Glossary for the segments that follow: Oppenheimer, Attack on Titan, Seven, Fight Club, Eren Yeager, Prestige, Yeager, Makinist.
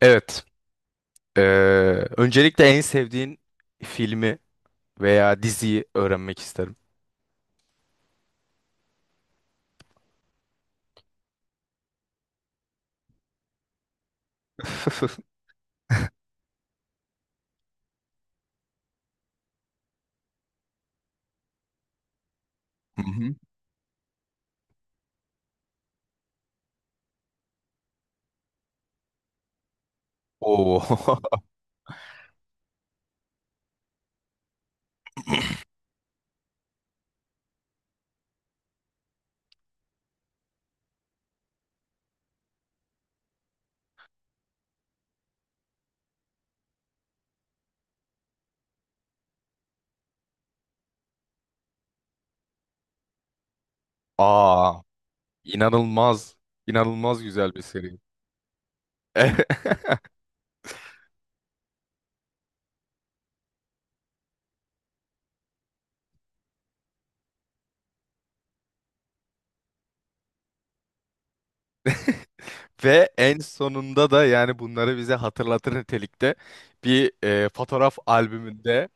Evet. Ee, Öncelikle en sevdiğin filmi veya diziyi öğrenmek isterim. Hı hı. Oo. Aa, inanılmaz, inanılmaz güzel bir seri. Ve en sonunda da yani bunları bize hatırlatır nitelikte bir fotoğraf albümünde.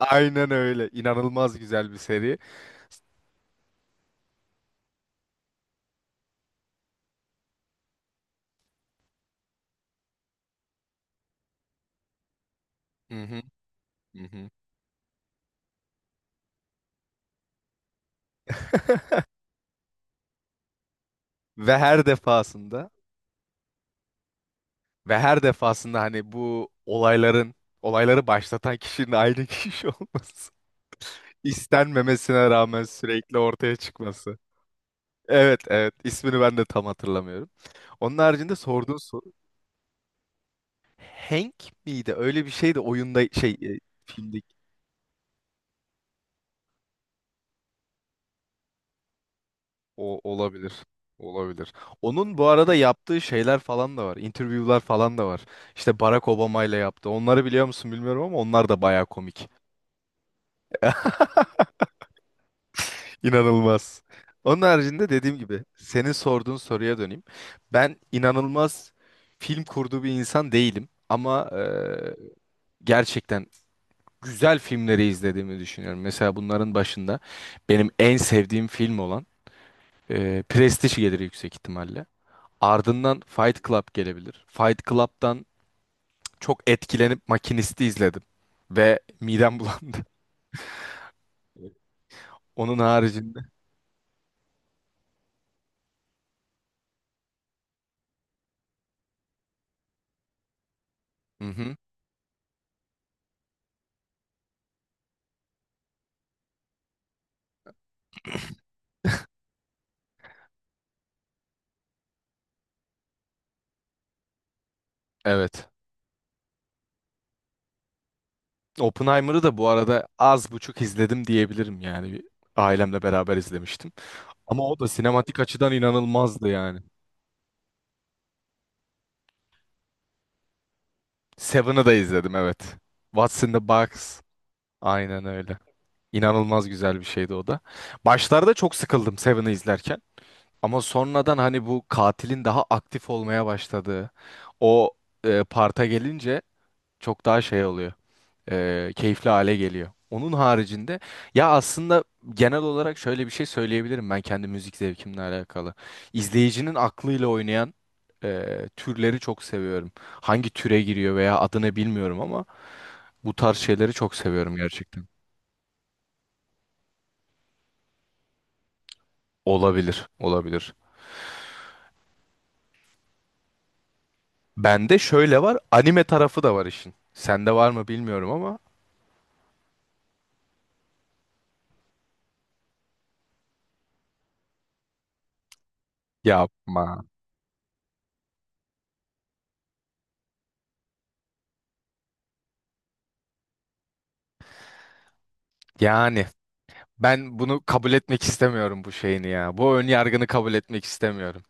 Aynen öyle. İnanılmaz güzel bir seri. Hı hı. Hı hı. Ve her defasında Ve her defasında hani bu olayların, olayları başlatan kişinin aynı kişi olması. İstenmemesine rağmen sürekli ortaya çıkması. Evet, evet. ismini ben de tam hatırlamıyorum. Onun haricinde sorduğun soru, Hank miydi? Öyle bir şeydi oyunda filmde, o olabilir. Olabilir. Onun bu arada yaptığı şeyler falan da var. Interview'lar falan da var. İşte Barack Obama ile yaptı. Onları biliyor musun bilmiyorum ama onlar da bayağı komik. İnanılmaz. Onun haricinde, dediğim gibi, senin sorduğun soruya döneyim. Ben inanılmaz film kurduğu bir insan değilim ama gerçekten güzel filmleri izlediğimi düşünüyorum. Mesela bunların başında benim en sevdiğim film olan Prestige gelir yüksek ihtimalle. Ardından Fight Club gelebilir. Fight Club'dan çok etkilenip Makinist'i izledim ve midem bulandı. Onun haricinde. Hı hı. Evet. Oppenheimer'ı da bu arada az buçuk izledim diyebilirim yani. Bir, ailemle beraber izlemiştim. Ama o da sinematik açıdan inanılmazdı yani. Seven'ı da izledim, evet. What's in the Box. Aynen öyle. İnanılmaz güzel bir şeydi o da. Başlarda çok sıkıldım Seven'ı izlerken. Ama sonradan hani bu katilin daha aktif olmaya başladığı o parta gelince çok daha şey oluyor. Keyifli hale geliyor. Onun haricinde, ya, aslında genel olarak şöyle bir şey söyleyebilirim, ben kendi müzik zevkimle alakalı. İzleyicinin aklıyla oynayan e, türleri çok seviyorum. Hangi türe giriyor veya adını bilmiyorum ama bu tarz şeyleri çok seviyorum gerçekten. Olabilir, olabilir. Bende şöyle var, anime tarafı da var işin. Sende var mı bilmiyorum ama yapma. Yani ben bunu kabul etmek istemiyorum, bu şeyini ya. Bu ön yargını kabul etmek istemiyorum.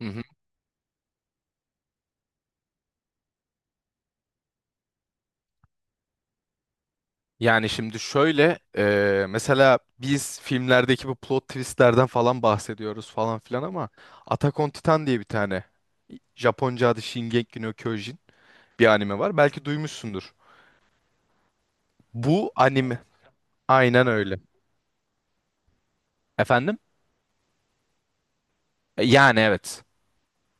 Hı hı. Yani şimdi şöyle mesela biz filmlerdeki bu plot twistlerden falan bahsediyoruz falan filan ama Attack on Titan diye bir tane, Japonca adı Shingeki no Kyojin, bir anime var. Belki duymuşsundur. Bu anime, aynen öyle. Efendim? Yani evet.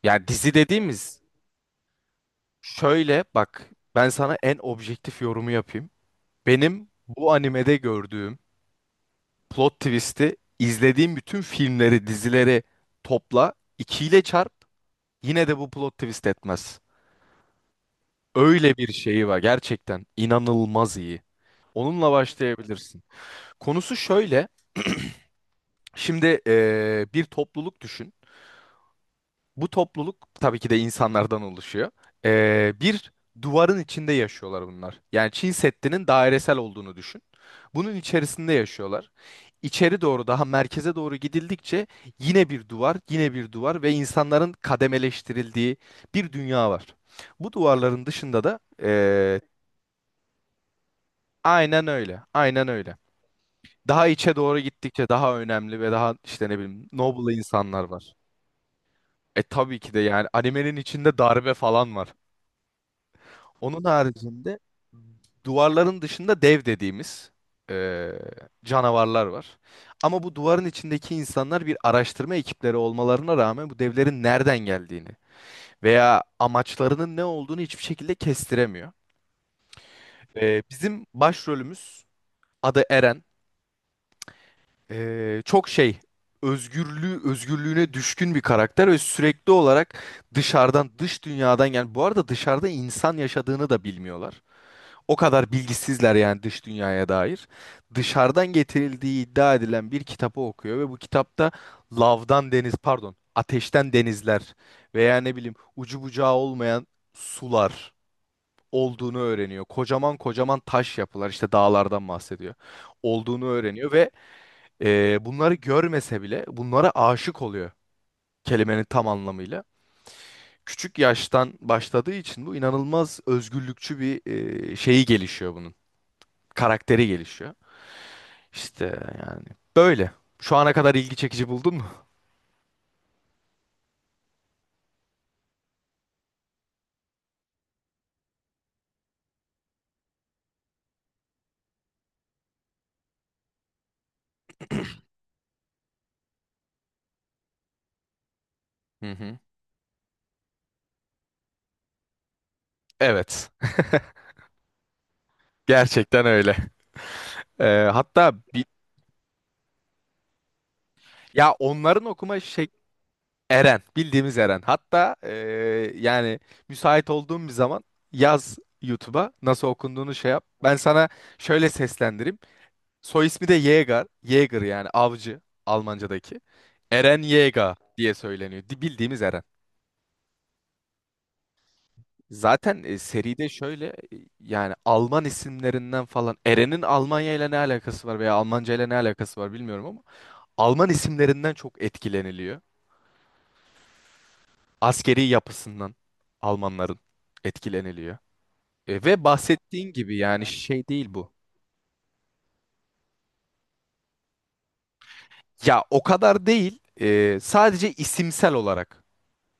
Yani dizi dediğimiz. Şöyle bak, ben sana en objektif yorumu yapayım. Benim bu animede gördüğüm plot twist'i izlediğim bütün filmleri, dizileri topla, ikiyle çarp, yine de bu plot twist etmez. Öyle bir şeyi var, gerçekten inanılmaz iyi. Onunla başlayabilirsin. Konusu şöyle. Şimdi, bir topluluk düşün. Bu topluluk tabii ki de insanlardan oluşuyor. Bir duvarın içinde yaşıyorlar bunlar. Yani Çin Seddi'nin dairesel olduğunu düşün. Bunun içerisinde yaşıyorlar. İçeri doğru, daha merkeze doğru gidildikçe yine bir duvar, yine bir duvar ve insanların kademeleştirildiği bir dünya var. Bu duvarların dışında da aynen öyle, aynen öyle. Daha içe doğru gittikçe daha önemli ve daha işte ne bileyim noble insanlar var. E tabii ki de yani animenin içinde darbe falan var. Onun haricinde duvarların dışında dev dediğimiz e, canavarlar var. Ama bu duvarın içindeki insanlar bir araştırma ekipleri olmalarına rağmen bu devlerin nereden geldiğini veya amaçlarının ne olduğunu hiçbir şekilde kestiremiyor. Bizim başrolümüz, adı Eren. E, çok şey özgürlüğü özgürlüğüne düşkün bir karakter ve sürekli olarak dışarıdan, dış dünyadan, yani bu arada dışarıda insan yaşadığını da bilmiyorlar. O kadar bilgisizler yani dış dünyaya dair. Dışarıdan getirildiği iddia edilen bir kitabı okuyor ve bu kitapta lavdan deniz pardon ateşten denizler veya ne bileyim ucu bucağı olmayan sular olduğunu öğreniyor. Kocaman kocaman taş yapılar, işte dağlardan bahsediyor. Olduğunu öğreniyor ve bunları görmese bile bunlara aşık oluyor, kelimenin tam anlamıyla. Küçük yaştan başladığı için bu, inanılmaz özgürlükçü bir e, şeyi gelişiyor bunun karakteri gelişiyor. İşte yani böyle. Şu ana kadar ilgi çekici buldun mu? Hı hı. Evet. Gerçekten öyle. Ee, hatta bi- ya onların okuma şey Eren, bildiğimiz Eren. Hatta Yani müsait olduğum bir zaman yaz, YouTube'a nasıl okunduğunu şey yap. Ben sana şöyle seslendireyim. Soy ismi de Yeager. Yeager, yani avcı Almanca'daki. Eren Yeager diye söyleniyor. Bildiğimiz Eren. Zaten seride şöyle, yani Alman isimlerinden falan, Eren'in Almanya ile ne alakası var veya Almanca ile ne alakası var bilmiyorum ama Alman isimlerinden çok etkileniliyor. Askeri yapısından Almanların etkileniliyor. Ve bahsettiğin gibi yani şey değil bu. Ya o kadar değil, sadece isimsel olarak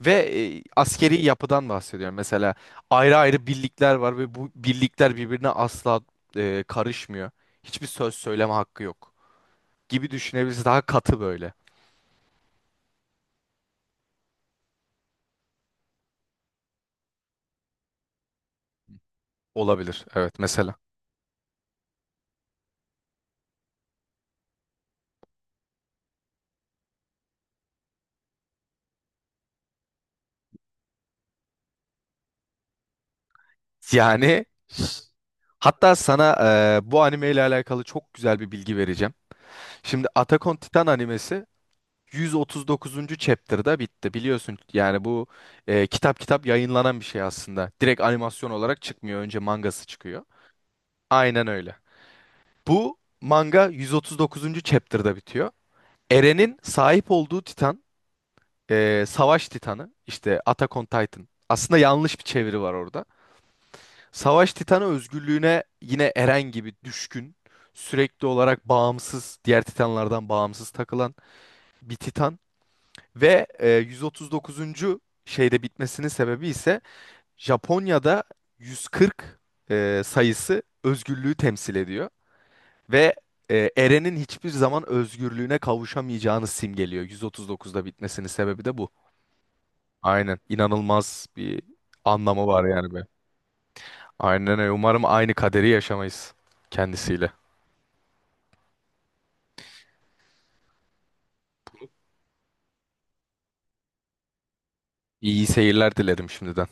ve askeri yapıdan bahsediyorum. Mesela ayrı ayrı birlikler var ve bu birlikler birbirine asla karışmıyor. Hiçbir söz söyleme hakkı yok gibi düşünebiliriz. Daha katı böyle olabilir. Evet mesela. Yani hatta sana bu anime ile alakalı çok güzel bir bilgi vereceğim. Şimdi Attack on Titan animesi 139. chapter'da bitti. Biliyorsun yani bu kitap yayınlanan bir şey aslında. Direkt animasyon olarak çıkmıyor. Önce mangası çıkıyor. Aynen öyle. Bu manga 139. chapter'da bitiyor. Eren'in sahip olduğu Titan, Savaş Titanı, işte Attack on Titan. Aslında yanlış bir çeviri var orada. Savaş Titanı özgürlüğüne yine Eren gibi düşkün, sürekli olarak bağımsız, diğer Titanlardan bağımsız takılan bir Titan ve 139. şeyde bitmesinin sebebi ise Japonya'da 140 sayısı özgürlüğü temsil ediyor ve Eren'in hiçbir zaman özgürlüğüne kavuşamayacağını simgeliyor. 139'da bitmesinin sebebi de bu. Aynen. İnanılmaz bir anlamı var yani be. Aynen öyle. Umarım aynı kaderi yaşamayız kendisiyle. İyi seyirler dilerim şimdiden.